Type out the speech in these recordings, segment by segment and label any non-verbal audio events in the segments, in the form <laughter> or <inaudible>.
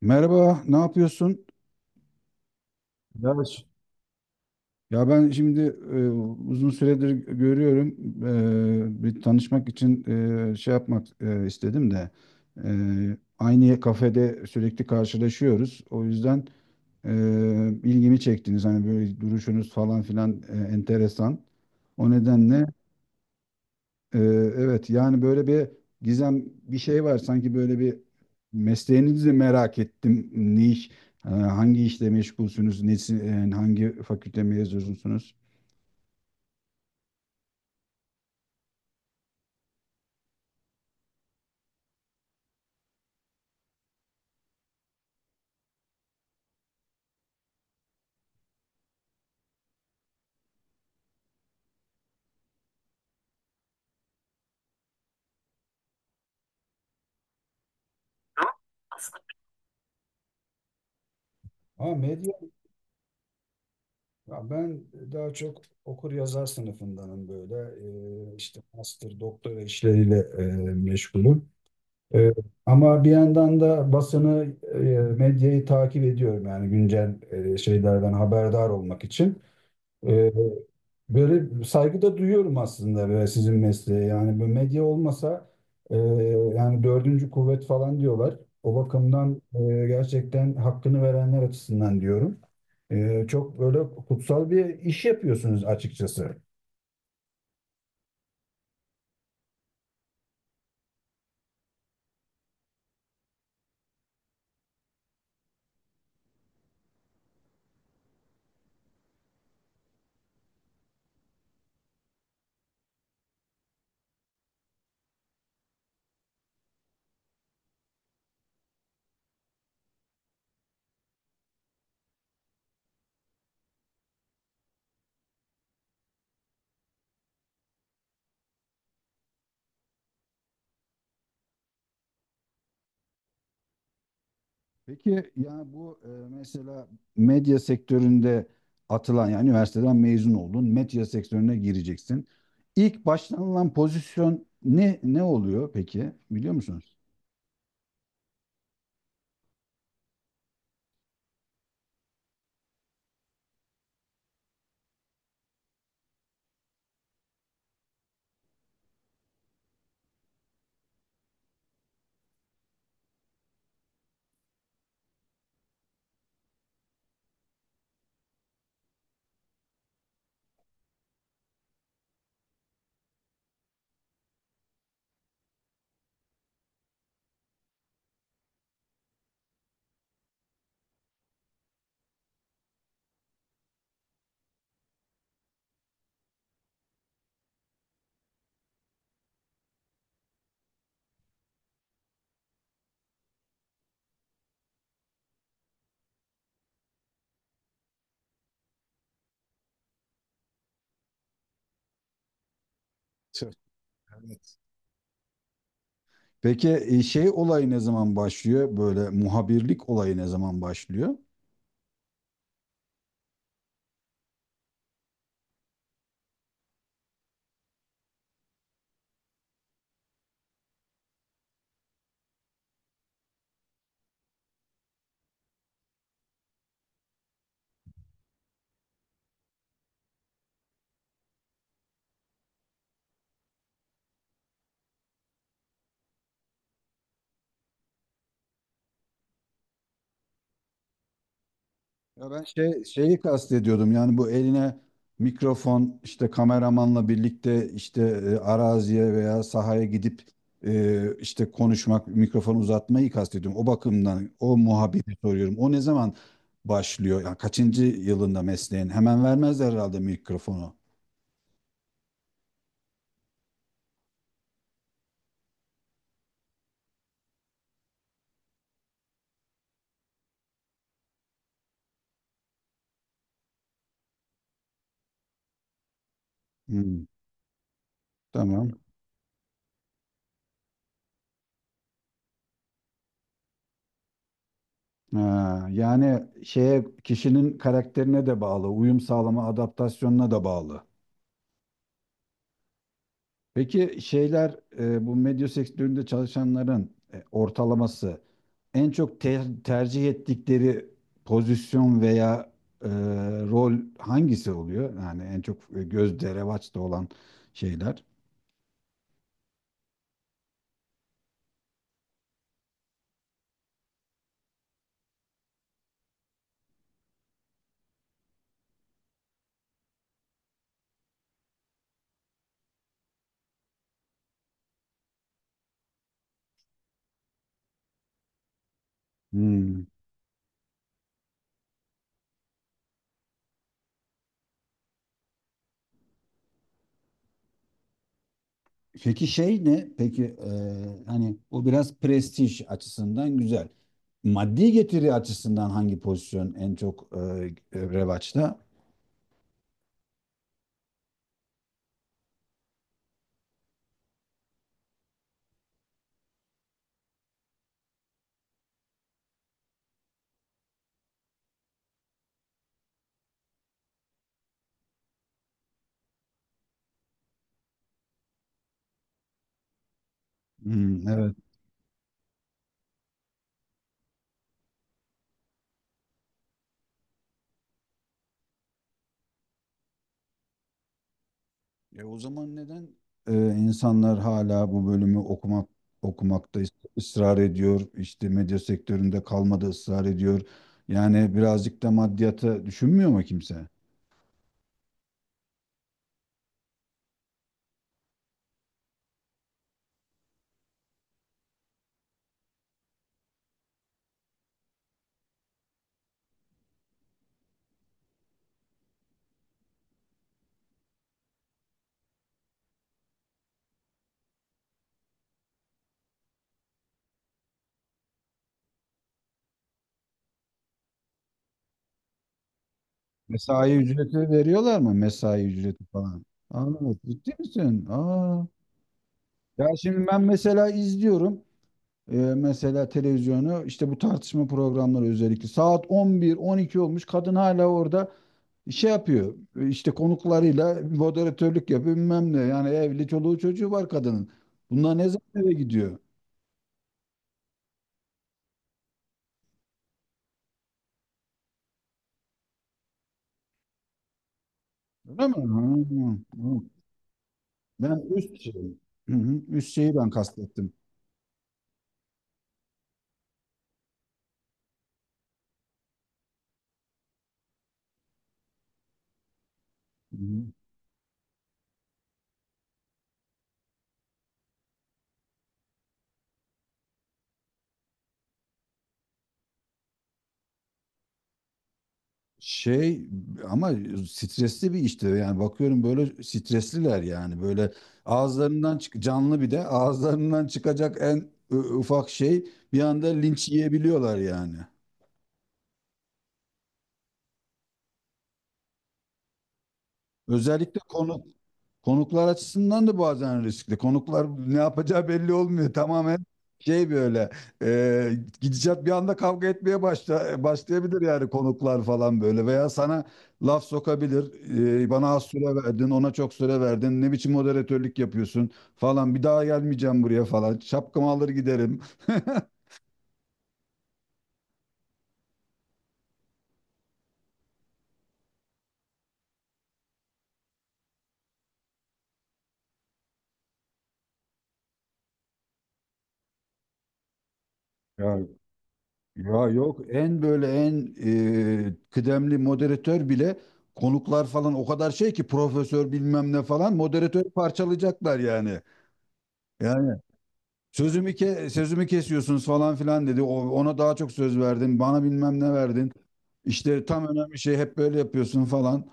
Merhaba, ne yapıyorsun? Evet. Ya ben şimdi e, uzun süredir görüyorum. Bir tanışmak için şey yapmak istedim de aynı kafede sürekli karşılaşıyoruz. O yüzden e, ilgimi çektiniz. Hani böyle duruşunuz falan filan enteresan. O nedenle Ee, evet yani böyle bir gizem bir şey var sanki böyle bir mesleğinizi merak ettim. Ne iş, hangi işle meşgulsünüz, nesi, hangi fakülte mezunusunuz? Ama medya, ya ben daha çok okur yazar sınıfındanım böyle. İşte master, doktora işleriyle meşgulüm. Ee, ama bir yandan da basını, e, medyayı takip ediyorum yani güncel şeylerden haberdar olmak için. Ee, böyle saygı da duyuyorum aslında böyle sizin mesleğe. Yani bu medya olmasa e, yani dördüncü kuvvet falan diyorlar. O bakımdan gerçekten hakkını verenler açısından diyorum. Çok böyle kutsal bir iş yapıyorsunuz açıkçası. Peki yani bu mesela medya sektöründe atılan yani üniversiteden mezun oldun, medya sektörüne gireceksin. İlk başlanılan pozisyon ne oluyor peki biliyor musunuz? Tüh. Evet. Peki şey olayı ne zaman başlıyor? Böyle muhabirlik olayı ne zaman başlıyor? Ya ben şey şeyi kastediyordum yani bu eline mikrofon işte kameramanla birlikte işte araziye veya sahaya gidip işte konuşmak, mikrofonu uzatmayı kastediyorum. O bakımdan o muhabbeti soruyorum. O ne zaman başlıyor? Yani kaçıncı yılında mesleğin? Hemen vermezler herhalde mikrofonu. Hmm, tamam. Ha, yani şeye kişinin karakterine de bağlı, uyum sağlama, adaptasyonuna da bağlı. Peki şeyler bu medya sektöründe çalışanların ortalaması en çok tercih ettikleri pozisyon veya e, rol hangisi oluyor? Yani en çok gözde revaçta olan şeyler. Hmm. Peki şey ne? Peki hani o biraz prestij açısından güzel. Maddi getiri açısından hangi pozisyon en çok revaçta? Hmm, evet. O zaman neden insanlar hala bu bölümü okumakta ısrar ediyor? İşte medya sektöründe kalmada ısrar ediyor. Yani birazcık da maddiyata düşünmüyor mu kimse? Mesai ücreti veriyorlar mı? Mesai ücreti falan. Anladım. Ciddi misin? Aa. Ya şimdi ben mesela izliyorum. Mesela televizyonu işte bu tartışma programları özellikle saat 11 12 olmuş kadın hala orada şey yapıyor işte konuklarıyla moderatörlük yapıyor bilmem ne yani evli çoluğu çocuğu var kadının. Bunlar ne zaman eve gidiyor? Öyle mi? Ha, ha. Ben üst şey, hı hı, üst şeyi ben kastettim. Hı hı. Şey ama stresli bir işte yani bakıyorum böyle stresliler yani böyle ağızlarından çık canlı bir de ağızlarından çıkacak en ufak şey bir anda linç yiyebiliyorlar yani. Özellikle konu Konuklar açısından da bazen riskli. Konuklar ne yapacağı belli olmuyor. Tamamen şey böyle e, gidişat bir anda kavga etmeye başlayabilir yani konuklar falan böyle veya sana laf sokabilir. Bana az süre verdin, ona çok süre verdin. Ne biçim moderatörlük yapıyorsun falan. Bir daha gelmeyeceğim buraya falan. Şapkamı alır giderim. <laughs> Ya Ya yok en böyle en kıdemli moderatör bile konuklar falan o kadar şey ki profesör bilmem ne falan moderatörü parçalayacaklar yani. Yani sözümü kesiyorsunuz falan filan dedi. O, ona daha çok söz verdin. Bana bilmem ne verdin. İşte tam önemli şey hep böyle yapıyorsun falan.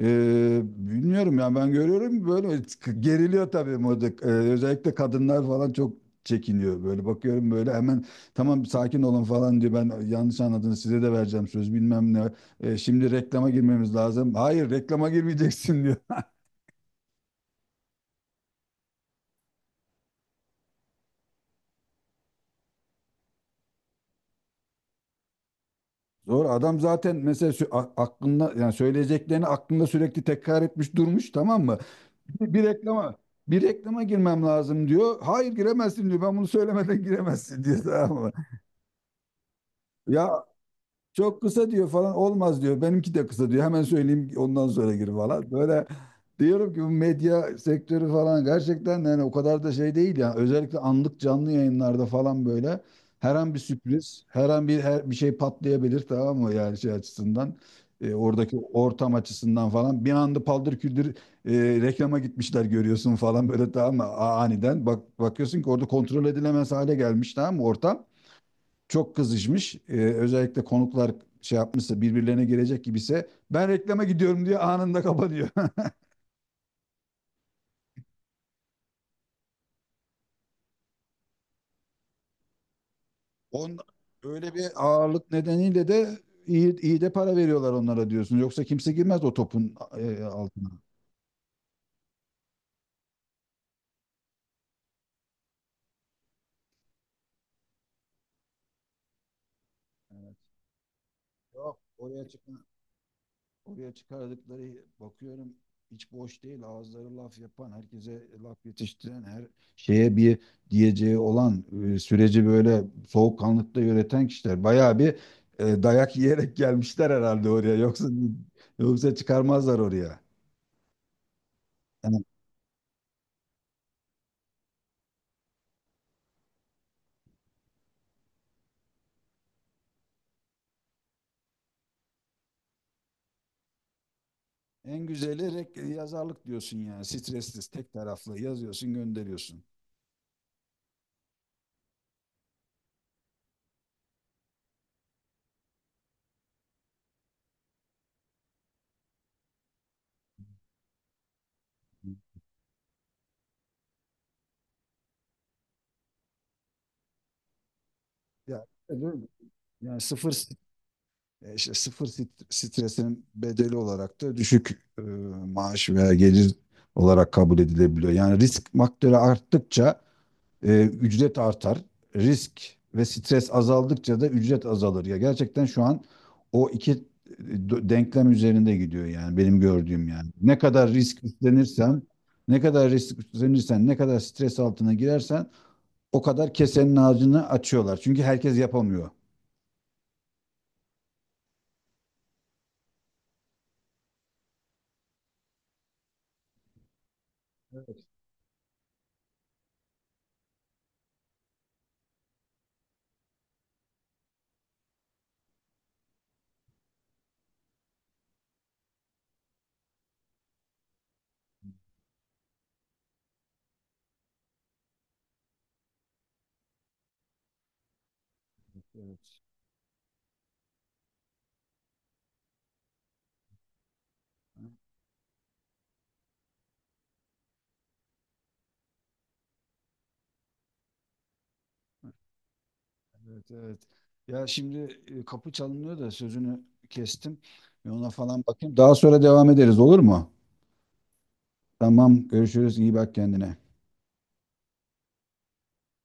Bilmiyorum ya ben görüyorum böyle geriliyor tabii moda. Özellikle kadınlar falan çok çekiniyor böyle bakıyorum böyle hemen tamam sakin olun falan diyor ben yanlış anladınız size de vereceğim söz bilmem ne. Şimdi reklama girmemiz lazım hayır reklama girmeyeceksin diyor <laughs> Zor adam zaten mesela aklında yani söyleyeceklerini aklında sürekli tekrar etmiş durmuş tamam mı? Bir, bir reklama bir reklama girmem lazım diyor. Hayır giremezsin diyor. Ben bunu söylemeden giremezsin diyor <laughs> tamam mı? Ya çok kısa diyor falan olmaz diyor. Benimki de kısa diyor. Hemen söyleyeyim ondan sonra gir falan. Böyle diyorum ki bu medya sektörü falan gerçekten yani o kadar da şey değil ya. Özellikle anlık canlı yayınlarda falan böyle her an bir sürpriz, her an bir şey patlayabilir tamam mı yani şey açısından. Oradaki ortam açısından falan bir anda paldır küldür e, reklama gitmişler görüyorsun falan böyle tamam mı. Aniden bak bakıyorsun ki orada kontrol edilemez hale gelmiş tamam mı ortam çok kızışmış. Özellikle konuklar şey yapmışsa birbirlerine gelecek gibiyse ben reklama gidiyorum diye anında kapanıyor. <laughs> On, öyle bir ağırlık nedeniyle de iyi de para veriyorlar onlara diyorsun. Yoksa kimse girmez o topun altına. Evet. Yok oraya çıkma. Oraya çıkardıkları bakıyorum hiç boş değil. Ağızları laf yapan, herkese laf yetiştiren, her şeye bir diyeceği olan, süreci böyle soğukkanlıkta yöneten kişiler. Bayağı bir dayak yiyerek gelmişler herhalde oraya. Yoksa çıkarmazlar oraya. Yani en güzeli yazarlık diyorsun yani. Stressiz, tek taraflı yazıyorsun, gönderiyorsun. Ya, öyle mi? Yani sıfır. İşte sıfır stresinin bedeli olarak da düşük e, maaş veya gelir olarak kabul edilebiliyor. Yani risk faktörü arttıkça ücret artar. Risk ve stres azaldıkça da ücret azalır. Ya gerçekten şu an o iki denklem üzerinde gidiyor yani benim gördüğüm yani. Ne kadar risk üstlenirsen, ne kadar stres altına girersen o kadar kesenin ağzını açıyorlar. Çünkü herkes yapamıyor. Evet, evet. Evet, evet. Ya şimdi kapı çalınıyor da sözünü kestim. Bir ona falan bakayım. Daha sonra devam ederiz olur mu? Tamam, görüşürüz. İyi bak kendine.